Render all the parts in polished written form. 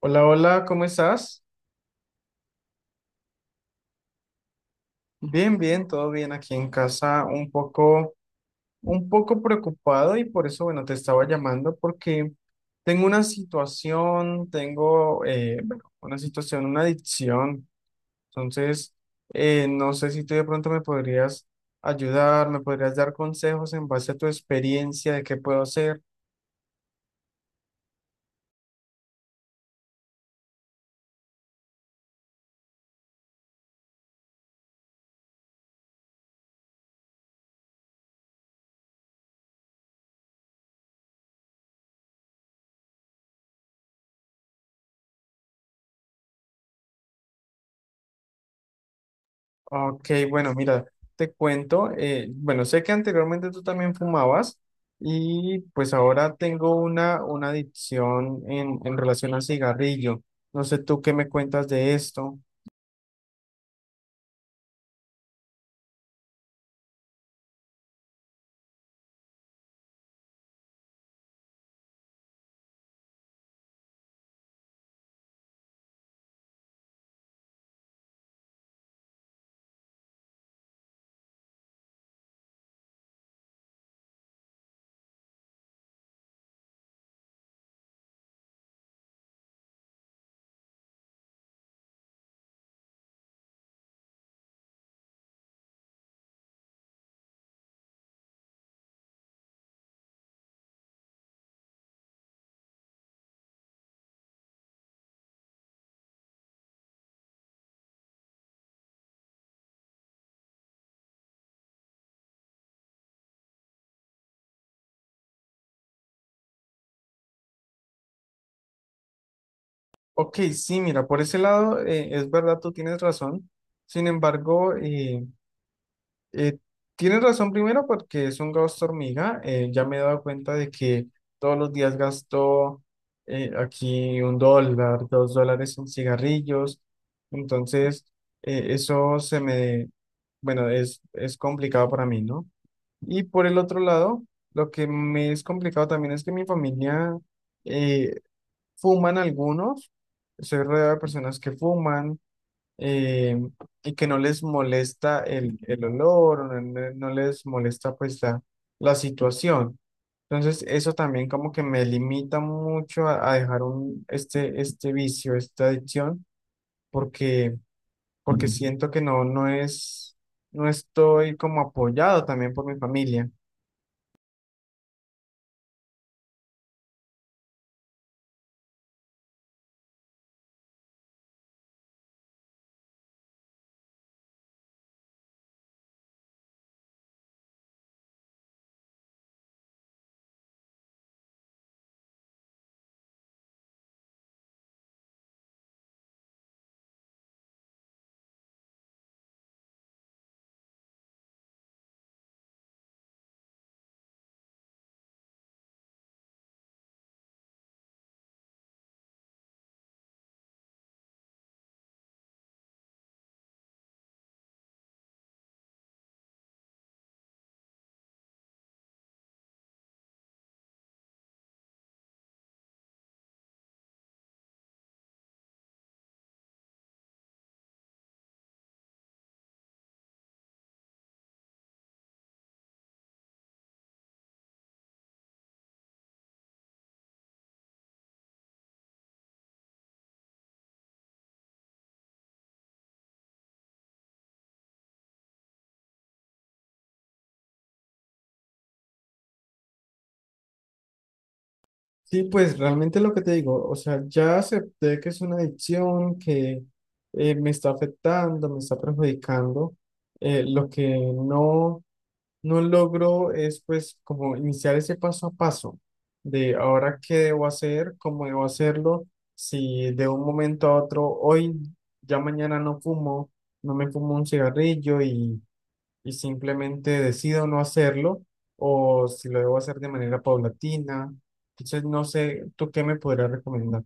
Hola, hola, ¿cómo estás? Bien, bien, todo bien aquí en casa, un poco preocupado y por eso, bueno, te estaba llamando porque tengo una situación, tengo, bueno, una situación, una adicción. Entonces, no sé si tú de pronto me podrías ayudar, me podrías dar consejos en base a tu experiencia de qué puedo hacer. Ok, bueno, mira, te cuento, bueno, sé que anteriormente tú también fumabas y pues ahora tengo una adicción en relación al cigarrillo. No sé tú qué me cuentas de esto. Ok, sí, mira, por ese lado es verdad, tú tienes razón. Sin embargo, Eh, tienes razón primero porque es un gasto hormiga. Ya me he dado cuenta de que todos los días gasto aquí $1, $2 en cigarrillos. Entonces, eso se me, bueno, es complicado para mí, ¿no? Y por el otro lado, lo que me es complicado también es que mi familia eh, fuman algunos. Soy rodeado de personas que fuman, eh, y que no les molesta el olor, o no, no les molesta pues la situación. Entonces eso también como que me limita mucho a dejar un, este vicio, esta adicción, porque, porque ujú, siento que no es, no estoy como apoyado también por mi familia. Sí, pues realmente lo que te digo, o sea, ya acepté que es una adicción que me está afectando, me está perjudicando. Lo que no logro es pues como iniciar ese paso a paso de ahora qué debo hacer, cómo debo hacerlo, si de un momento a otro, hoy, ya mañana no fumo, no me fumo un cigarrillo y simplemente decido no hacerlo, o si lo debo hacer de manera paulatina. Entonces, no sé, ¿tú qué me podrías recomendar?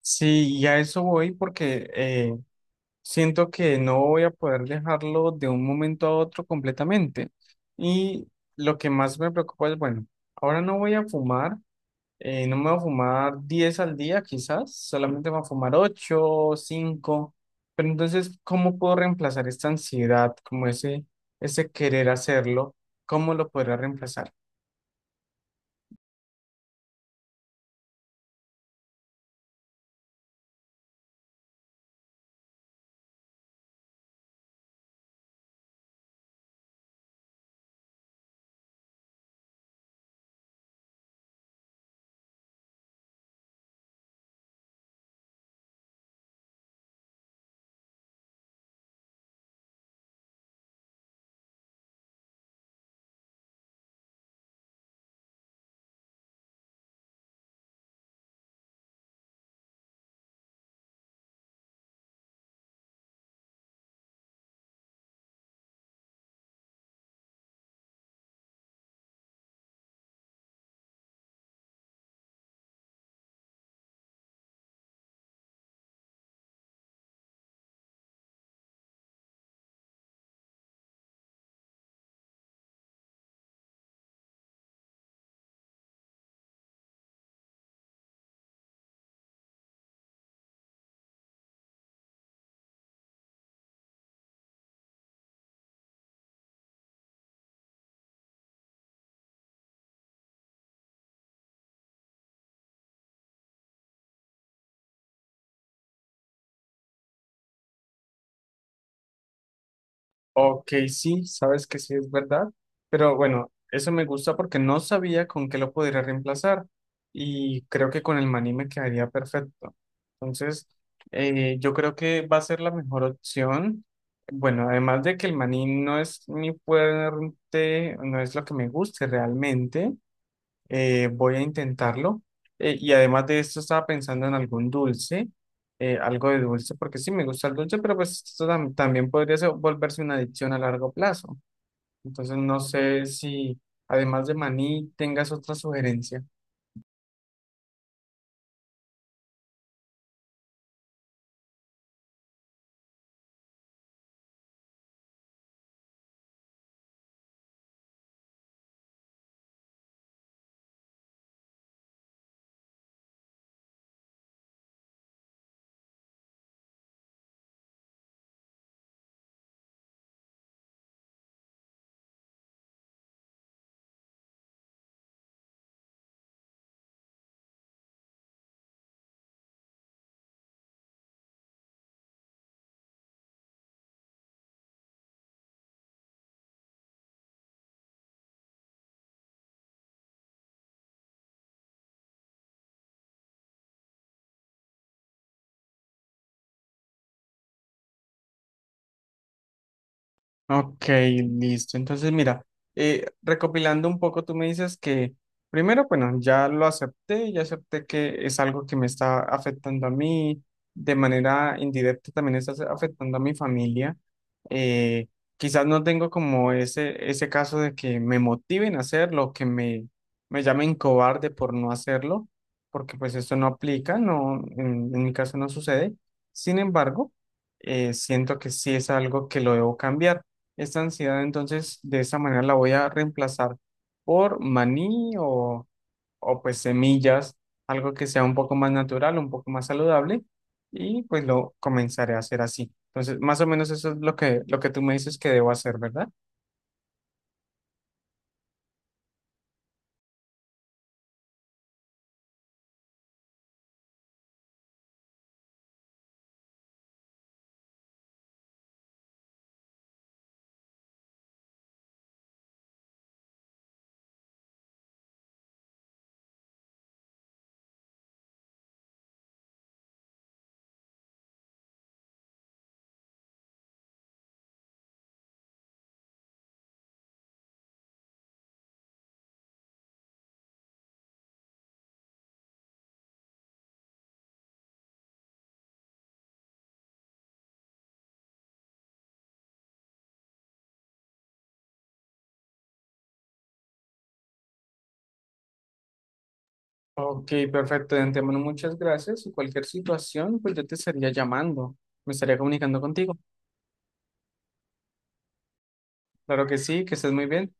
Sí, y a eso voy porque siento que no voy a poder dejarlo de un momento a otro completamente. Y lo que más me preocupa es, bueno, ahora no voy a fumar, no me voy a fumar 10 al día quizás, solamente me voy a fumar 8 5, pero entonces, ¿cómo puedo reemplazar esta ansiedad, como ese querer hacerlo? ¿Cómo lo podría reemplazar? Ok, sí, sabes que sí es verdad, pero bueno, eso me gusta porque no sabía con qué lo podría reemplazar y creo que con el maní me quedaría perfecto. Entonces, yo creo que va a ser la mejor opción. Bueno, además de que el maní no es mi fuerte, no es lo que me guste realmente, voy a intentarlo. Y además de esto, estaba pensando en algún dulce, algo de dulce, porque sí me gusta el dulce, pero pues esto tam- también podría ser- volverse una adicción a largo plazo. Entonces, no sé si además de maní tengas otra sugerencia. Ok, listo. Entonces, mira, recopilando un poco, tú me dices que primero, bueno, ya lo acepté, ya acepté que es algo que me está afectando a mí, de manera indirecta también está afectando a mi familia. Eh, quizás no tengo como ese caso de que me motiven a hacerlo, me llamen cobarde por no hacerlo, porque pues esto no aplica, no, en mi caso no sucede. Sin embargo, siento que sí es algo que lo debo cambiar. Esta ansiedad, entonces, de esa manera la voy a reemplazar por maní o pues semillas, algo que sea un poco más natural, un poco más saludable, y pues lo comenzaré a hacer así. Entonces, más o menos eso es lo que tú me dices que debo hacer, ¿verdad? Ok, perfecto. De antemano, muchas gracias. Y cualquier situación, pues yo te estaría llamando, me estaría comunicando contigo. Claro que sí, que estés muy bien.